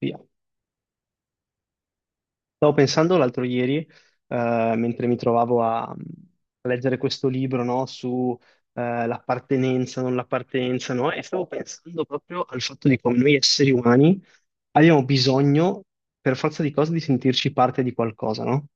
Via. Stavo pensando l'altro ieri, mentre mi trovavo a leggere questo libro, no, su l'appartenenza, non l'appartenenza, no, e stavo pensando proprio al fatto di come noi esseri umani abbiamo bisogno, per forza di cose, di sentirci parte di qualcosa, no?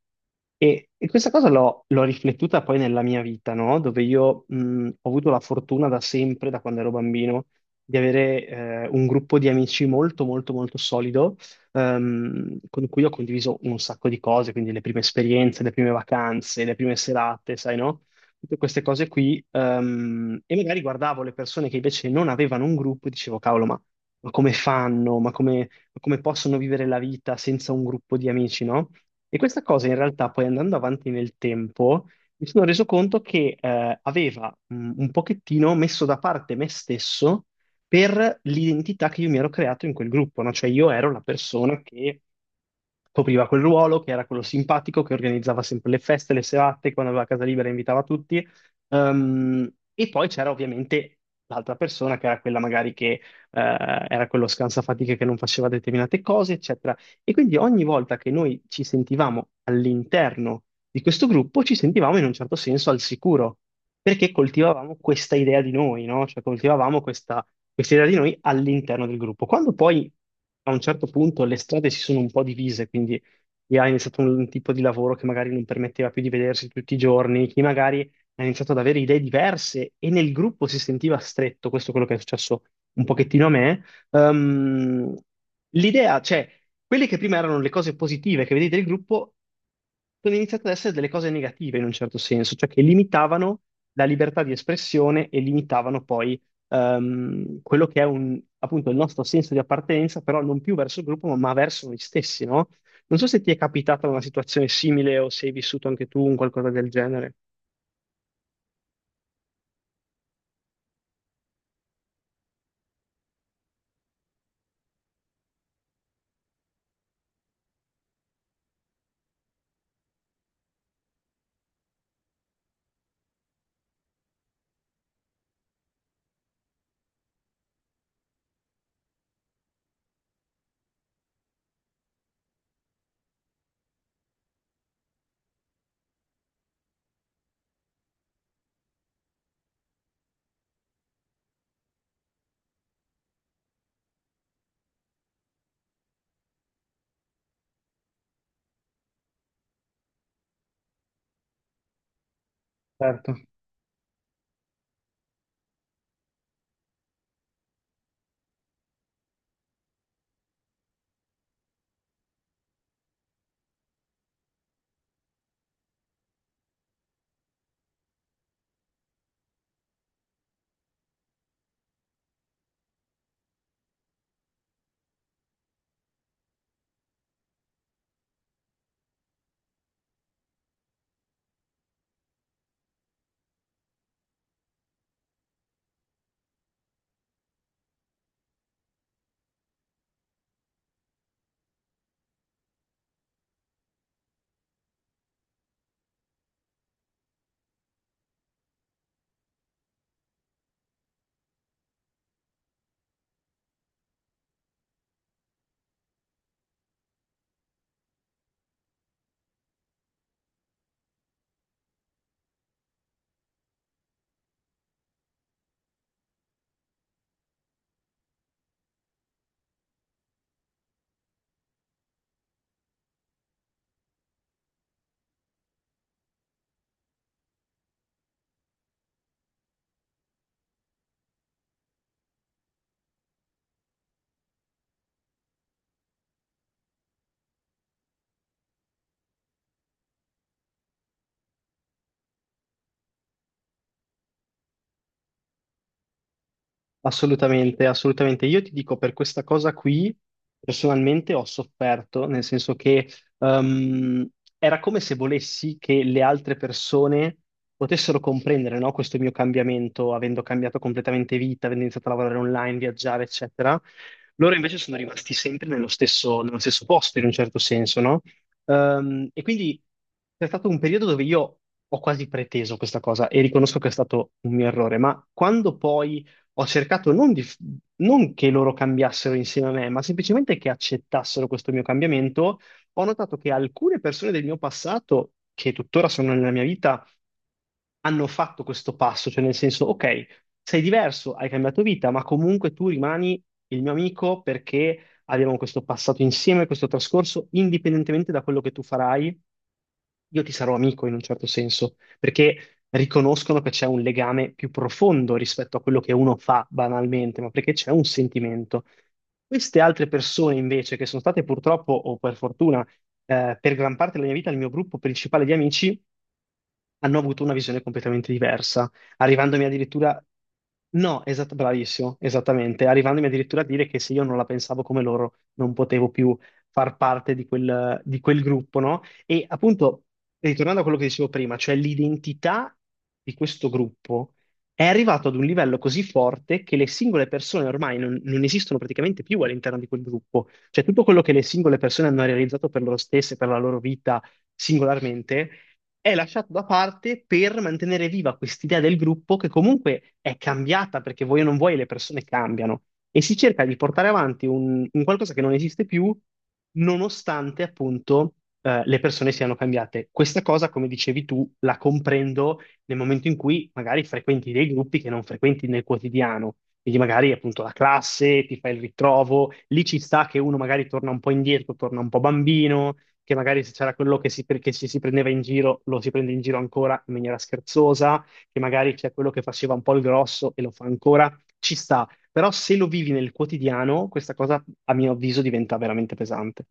E questa cosa l'ho riflettuta poi nella mia vita, no? Dove io ho avuto la fortuna da sempre, da quando ero bambino, di avere un gruppo di amici molto, molto, molto solido. Con cui ho condiviso un sacco di cose, quindi le prime esperienze, le prime vacanze, le prime serate, sai, no? Tutte queste cose qui. E magari guardavo le persone che invece non avevano un gruppo e dicevo, cavolo, ma come fanno? Ma come possono vivere la vita senza un gruppo di amici, no? E questa cosa in realtà poi andando avanti nel tempo mi sono reso conto che aveva un pochettino messo da parte me stesso per l'identità che io mi ero creato in quel gruppo, no? Cioè io ero la persona che copriva quel ruolo, che era quello simpatico, che organizzava sempre le feste, le serate, quando aveva casa libera invitava tutti. E poi c'era ovviamente l'altra persona che era quella magari che era quello scansafatiche che non faceva determinate cose, eccetera. E quindi ogni volta che noi ci sentivamo all'interno di questo gruppo, ci sentivamo in un certo senso al sicuro, perché coltivavamo questa idea di noi, no? Cioè coltivavamo questa idea di noi all'interno del gruppo. Quando poi a un certo punto le strade si sono un po' divise, quindi chi ha iniziato un tipo di lavoro che magari non permetteva più di vedersi tutti i giorni, chi magari ha iniziato ad avere idee diverse e nel gruppo si sentiva stretto, questo è quello che è successo un pochettino a me, ehm, l'idea, cioè, quelle che prima erano le cose positive che vedete del gruppo sono iniziate ad essere delle cose negative in un certo senso, cioè che limitavano la libertà di espressione e limitavano poi quello che è un, appunto il nostro senso di appartenenza, però non più verso il gruppo, ma verso noi stessi, no? Non so se ti è capitata una situazione simile o se hai vissuto anche tu un qualcosa del genere. Certo. Assolutamente, assolutamente. Io ti dico, per questa cosa qui, personalmente ho sofferto, nel senso che ehm, era come se volessi che le altre persone potessero comprendere, no, questo mio cambiamento, avendo cambiato completamente vita, avendo iniziato a lavorare online, viaggiare, eccetera. Loro invece sono rimasti sempre nello stesso posto, in un certo senso, no? E quindi c'è stato un periodo dove io ho quasi preteso questa cosa e riconosco che è stato un mio errore, ma quando poi ho cercato non, di, non che loro cambiassero insieme a me, ma semplicemente che accettassero questo mio cambiamento, ho notato che alcune persone del mio passato, che tuttora sono nella mia vita, hanno fatto questo passo, cioè nel senso, ok, sei diverso, hai cambiato vita, ma comunque tu rimani il mio amico perché abbiamo questo passato insieme, questo trascorso, indipendentemente da quello che tu farai io ti sarò amico in un certo senso, perché riconoscono che c'è un legame più profondo rispetto a quello che uno fa banalmente, ma perché c'è un sentimento. Queste altre persone invece, che sono state purtroppo o per fortuna, per gran parte della mia vita il mio gruppo principale di amici, hanno avuto una visione completamente diversa, arrivandomi addirittura... No, esatto, bravissimo, esattamente, arrivandomi addirittura a dire che se io non la pensavo come loro non potevo più far parte di quel gruppo, no? E appunto, ritornando a quello che dicevo prima, cioè l'identità di questo gruppo è arrivato ad un livello così forte che le singole persone ormai non, non esistono praticamente più all'interno di quel gruppo. Cioè tutto quello che le singole persone hanno realizzato per loro stesse, per la loro vita singolarmente, è lasciato da parte per mantenere viva quest'idea del gruppo che comunque è cambiata perché vuoi o non vuoi le persone cambiano e si cerca di portare avanti un qualcosa che non esiste più nonostante appunto le persone siano cambiate. Questa cosa, come dicevi tu, la comprendo nel momento in cui magari frequenti dei gruppi che non frequenti nel quotidiano. Quindi magari appunto la classe, ti fai il ritrovo, lì ci sta che uno magari torna un po' indietro, torna un po' bambino, che magari se c'era quello che si, che ci si prendeva in giro, lo si prende in giro ancora in maniera scherzosa, che magari c'è quello che faceva un po' il grosso e lo fa ancora, ci sta. Però se lo vivi nel quotidiano, questa cosa, a mio avviso, diventa veramente pesante.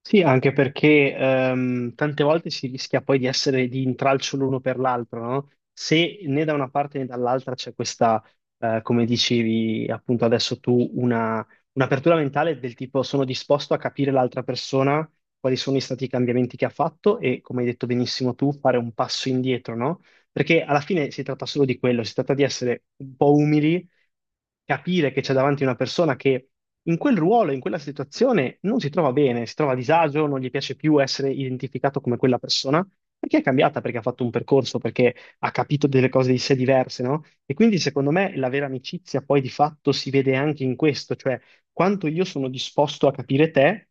Sì, anche perché tante volte si rischia poi di essere di intralcio l'uno per l'altro, no? Se né da una parte né dall'altra c'è questa, come dicevi appunto adesso tu, una, un'apertura mentale del tipo sono disposto a capire l'altra persona, quali sono stati i cambiamenti che ha fatto e, come hai detto benissimo tu, fare un passo indietro, no? Perché alla fine si tratta solo di quello, si tratta di essere un po' umili capire che c'è davanti una persona che in quel ruolo, in quella situazione non si trova bene, si trova a disagio, non gli piace più essere identificato come quella persona, perché è cambiata, perché ha fatto un percorso, perché ha capito delle cose di sé diverse, no? E quindi secondo me la vera amicizia poi di fatto si vede anche in questo, cioè quanto io sono disposto a capire te,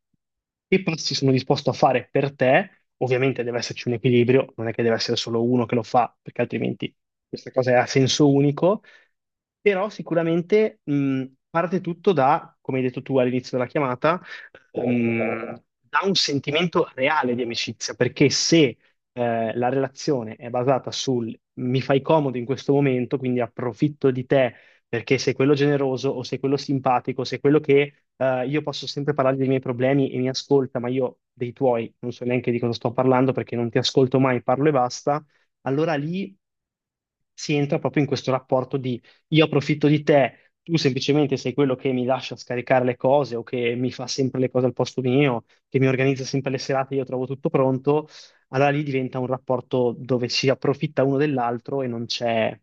che passi sono disposto a fare per te, ovviamente deve esserci un equilibrio, non è che deve essere solo uno che lo fa, perché altrimenti questa cosa è a senso unico, però sicuramente parte tutto da, come hai detto tu all'inizio della chiamata, mh, da un sentimento reale di amicizia, perché se la relazione è basata sul mi fai comodo in questo momento, quindi approfitto di te perché sei quello generoso o sei quello simpatico, sei quello che io posso sempre parlare dei miei problemi e mi ascolta, ma io dei tuoi non so neanche di cosa sto parlando perché non ti ascolto mai, parlo e basta, allora lì si entra proprio in questo rapporto di io approfitto di te, tu semplicemente sei quello che mi lascia scaricare le cose o che mi fa sempre le cose al posto mio, che mi organizza sempre le serate, io trovo tutto pronto. Allora lì diventa un rapporto dove si approfitta uno dell'altro e non c'è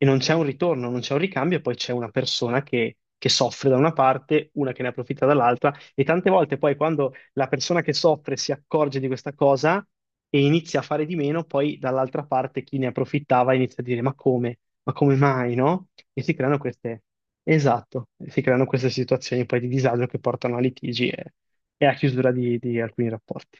e non c'è un ritorno, non c'è un ricambio, e poi c'è una persona che soffre da una parte, una che ne approfitta dall'altra. E tante volte poi quando la persona che soffre si accorge di questa cosa e inizia a fare di meno, poi dall'altra parte chi ne approfittava inizia a dire ma come? Ma come mai, no? E si creano queste, esatto, si creano queste situazioni poi di disagio che portano a litigi e a chiusura di alcuni rapporti.